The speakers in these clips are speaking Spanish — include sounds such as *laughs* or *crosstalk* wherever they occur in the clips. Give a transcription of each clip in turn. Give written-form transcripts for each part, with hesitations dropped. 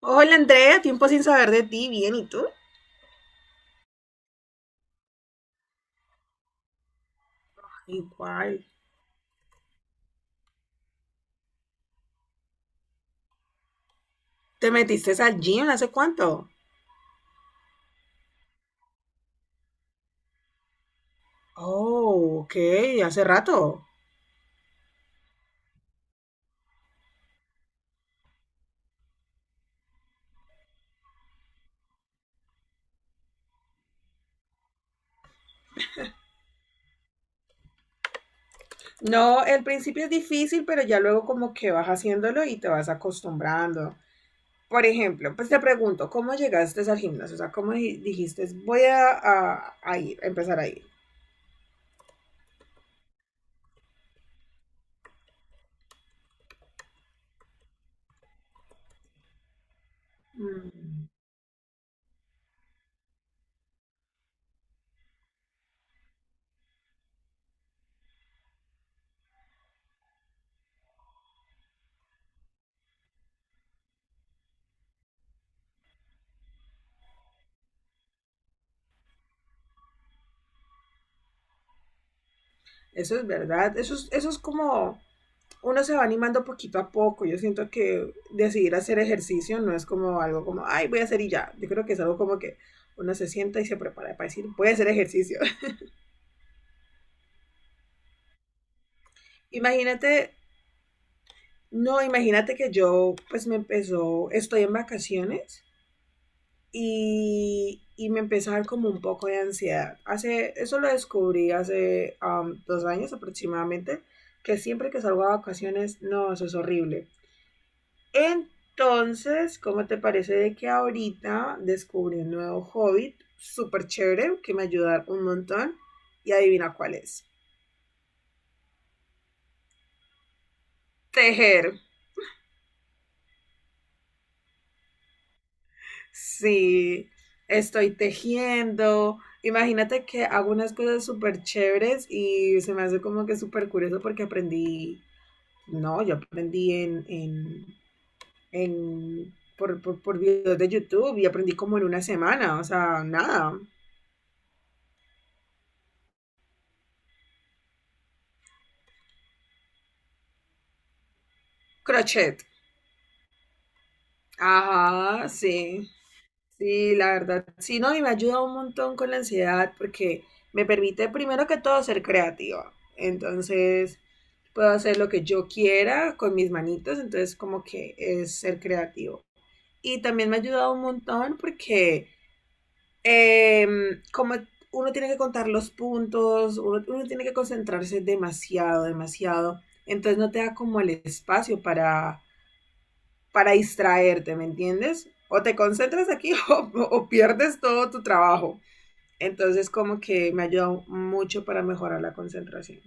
Hola Andrea, tiempo sin saber de ti, bien, ¿y tú? Igual. ¿Te metiste al gym hace cuánto? Oh, ok, hace rato. No, el principio es difícil, pero ya luego como que vas haciéndolo y te vas acostumbrando. Por ejemplo, pues te pregunto, ¿cómo llegaste al gimnasio? O sea, ¿cómo dijiste, voy a, a ir, a empezar a ir? Mm, eso es verdad, eso es como uno se va animando poquito a poco. Yo siento que decidir hacer ejercicio no es como algo como, ay, voy a hacer y ya. Yo creo que es algo como que uno se sienta y se prepara para decir, voy a hacer ejercicio. *laughs* Imagínate, no, imagínate que yo pues me empezó, estoy en vacaciones y me empezó a dar como un poco de ansiedad. Hace, eso lo descubrí hace 2 años aproximadamente, que siempre que salgo a vacaciones, no, eso es horrible. Entonces, ¿cómo te parece de que ahorita descubrí un nuevo hobby súper chévere que me ayuda un montón? Y adivina cuál es. Tejer. Sí, estoy tejiendo. Imagínate que hago unas cosas súper chéveres y se me hace como que súper curioso porque aprendí, no, yo aprendí por videos de YouTube y aprendí como en una semana, o sea, nada. Crochet. Ajá, sí. Sí, la verdad, sí, no, y me ayuda un montón con la ansiedad porque me permite primero que todo ser creativa. Entonces, puedo hacer lo que yo quiera con mis manitos, entonces como que es ser creativo. Y también me ha ayudado un montón porque como uno tiene que contar los puntos, uno tiene que concentrarse demasiado, demasiado, entonces no te da como el espacio para distraerte, ¿me entiendes? O te concentras aquí *laughs* o pierdes todo tu trabajo. Entonces como que me ayudó mucho para mejorar la concentración.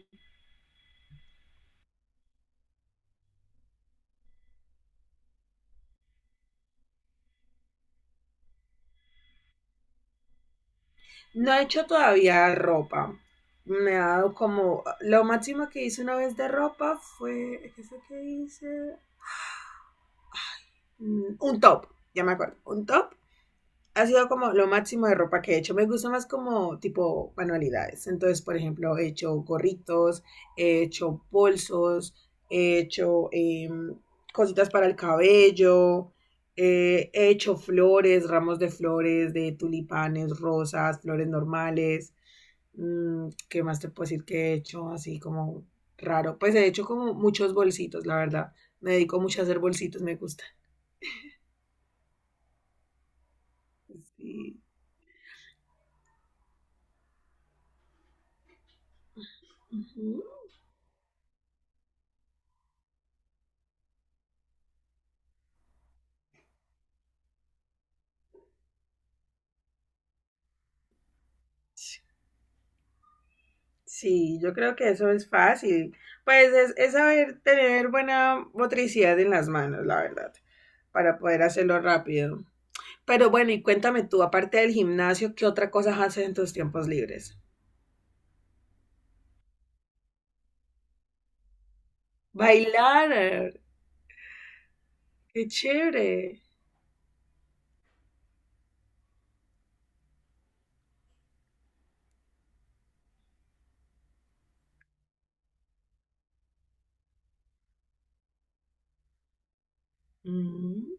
No he hecho todavía ropa. Me ha dado como... Lo máximo que hice una vez de ropa fue... ¿Qué es lo que hice? Mm, un top, ya me acuerdo. Un top ha sido como lo máximo de ropa que he hecho. Me gusta más como tipo manualidades. Entonces, por ejemplo, he hecho gorritos, he hecho bolsos, he hecho cositas para el cabello, he hecho flores, ramos de flores, de tulipanes, rosas, flores normales. Mm, ¿qué más te puedo decir que he hecho así como raro? Pues he hecho como muchos bolsitos, la verdad. Me dedico mucho a hacer bolsitos, me gusta. Sí. Ujú. Sí, yo creo que eso es fácil. Pues es saber tener buena motricidad en las manos, la verdad, para poder hacerlo rápido. Pero bueno, y cuéntame tú, aparte del gimnasio, ¿qué otra cosa haces en tus tiempos libres? Bailar, qué chévere. Mm.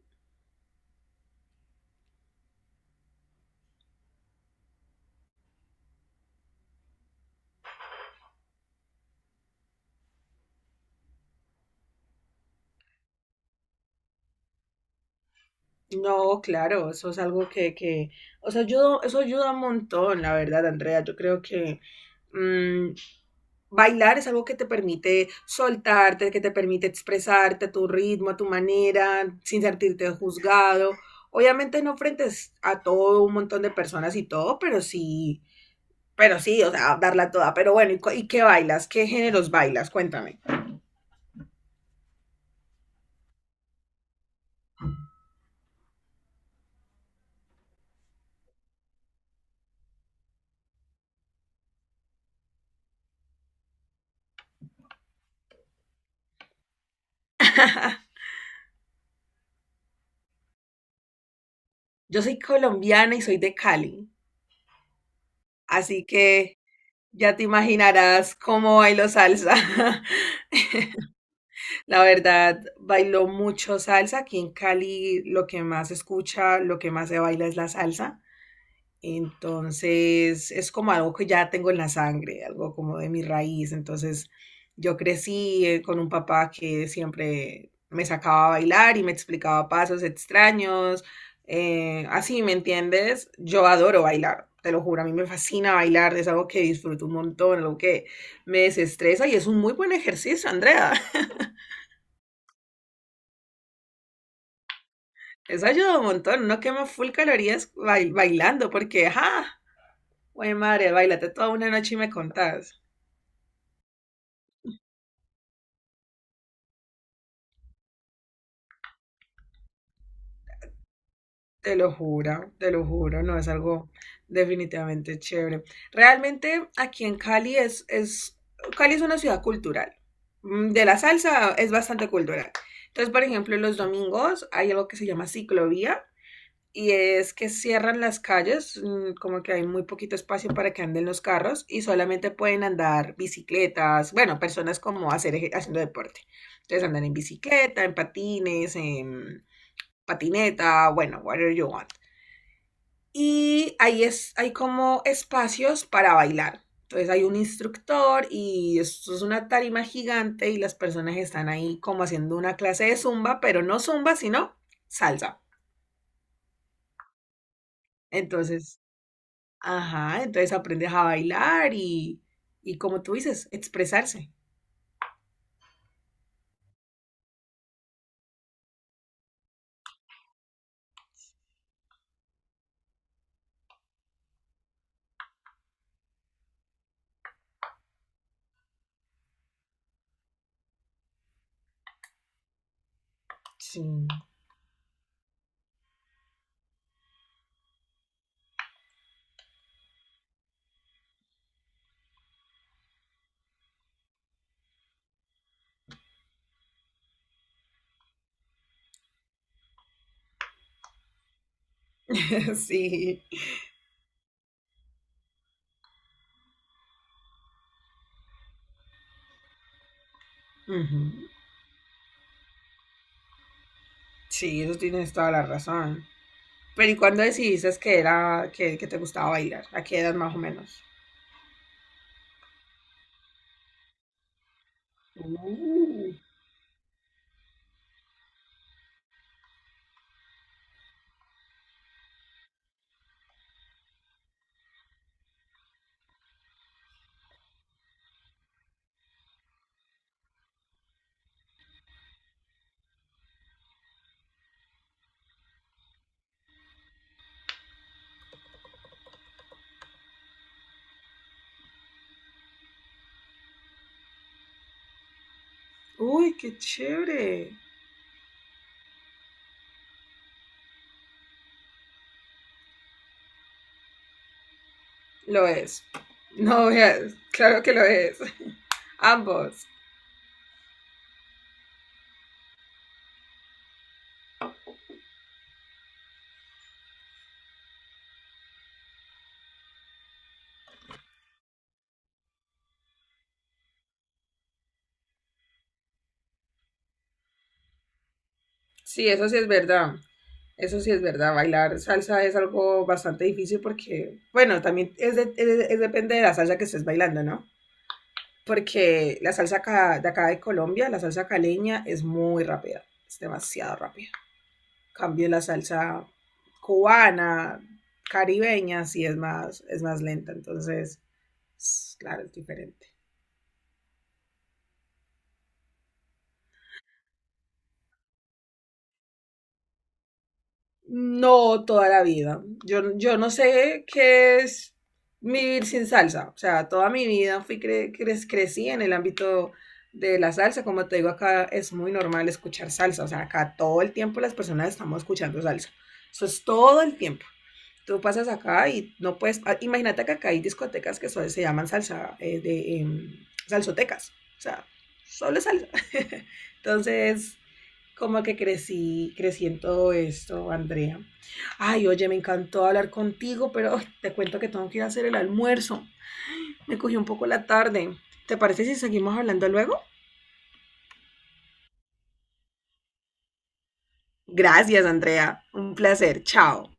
No, claro, eso es algo o sea, ayuda, eso ayuda un montón, la verdad, Andrea. Yo creo que mm, bailar es algo que te permite soltarte, que te permite expresarte a tu ritmo, a tu manera, sin sentirte juzgado. Obviamente no frente a todo un montón de personas y todo, pero sí, o sea, darla toda. Pero bueno, ¿y, y qué bailas? ¿Qué géneros bailas? Cuéntame. Yo soy colombiana y soy de Cali, así que ya te imaginarás cómo bailo salsa. *laughs* La verdad, bailo mucho salsa. Aquí en Cali lo que más se escucha, lo que más se baila es la salsa. Entonces, es como algo que ya tengo en la sangre, algo como de mi raíz. Entonces, yo crecí con un papá que siempre me sacaba a bailar y me explicaba pasos extraños. Así, ¿me entiendes? Yo adoro bailar, te lo juro, a mí me fascina bailar, es algo que disfruto un montón, algo que me desestresa y es un muy buen ejercicio, Andrea. *laughs* Eso ayuda un montón, uno quema full calorías bailando porque, ajá, güey madre, bailate toda una noche y me contás. Te lo juro, no es algo definitivamente chévere. Realmente aquí en Cali Cali es una ciudad cultural. Mm, de la salsa es bastante cultural. Entonces, por ejemplo, los domingos hay algo que se llama ciclovía y es que cierran las calles, mm, como que hay muy poquito espacio para que anden los carros y solamente pueden andar bicicletas, bueno, personas como hacer, haciendo deporte. Entonces andan en bicicleta, en patines, en patineta, bueno, whatever you want y hay como espacios para bailar. Entonces hay un instructor y esto es una tarima gigante y las personas están ahí como haciendo una clase de zumba, pero no zumba, sino salsa. Entonces, ajá, entonces aprendes a bailar y como tú dices, expresarse. Sí. *laughs* Sí. Ujú. Sí, eso tienes toda la razón. Pero ¿y cuándo decidiste que era que te gustaba bailar? ¿A qué edad más o menos? Uh. Uy, qué chévere. Lo es. No veas, claro que lo es. *laughs* Ambos. Sí, eso sí es verdad. Eso sí es verdad. Bailar salsa es algo bastante difícil porque, bueno, también es depende de la salsa que estés bailando, ¿no? Porque la salsa de acá de Colombia, la salsa caleña, es muy rápida. Es demasiado rápida. En cambio la salsa cubana, caribeña, sí es más lenta. Entonces, es- claro, es diferente. No, toda la vida. Yo no sé qué es vivir sin salsa. O sea, toda mi vida fui crecí en el ámbito de la salsa. Como te digo, acá es muy normal escuchar salsa. O sea, acá todo el tiempo las personas estamos escuchando salsa. Eso es todo el tiempo. Tú pasas acá y no puedes... ah, imagínate que acá hay discotecas que se llaman salsa, salsotecas. O sea, solo es salsa. *laughs* Entonces, como que crecí, crecí en todo esto, Andrea. Ay, oye, me encantó hablar contigo, pero ay, te cuento que tengo que ir a hacer el almuerzo. Me cogió un poco la tarde. ¿Te parece si seguimos hablando luego? Gracias, Andrea. Un placer. Chao.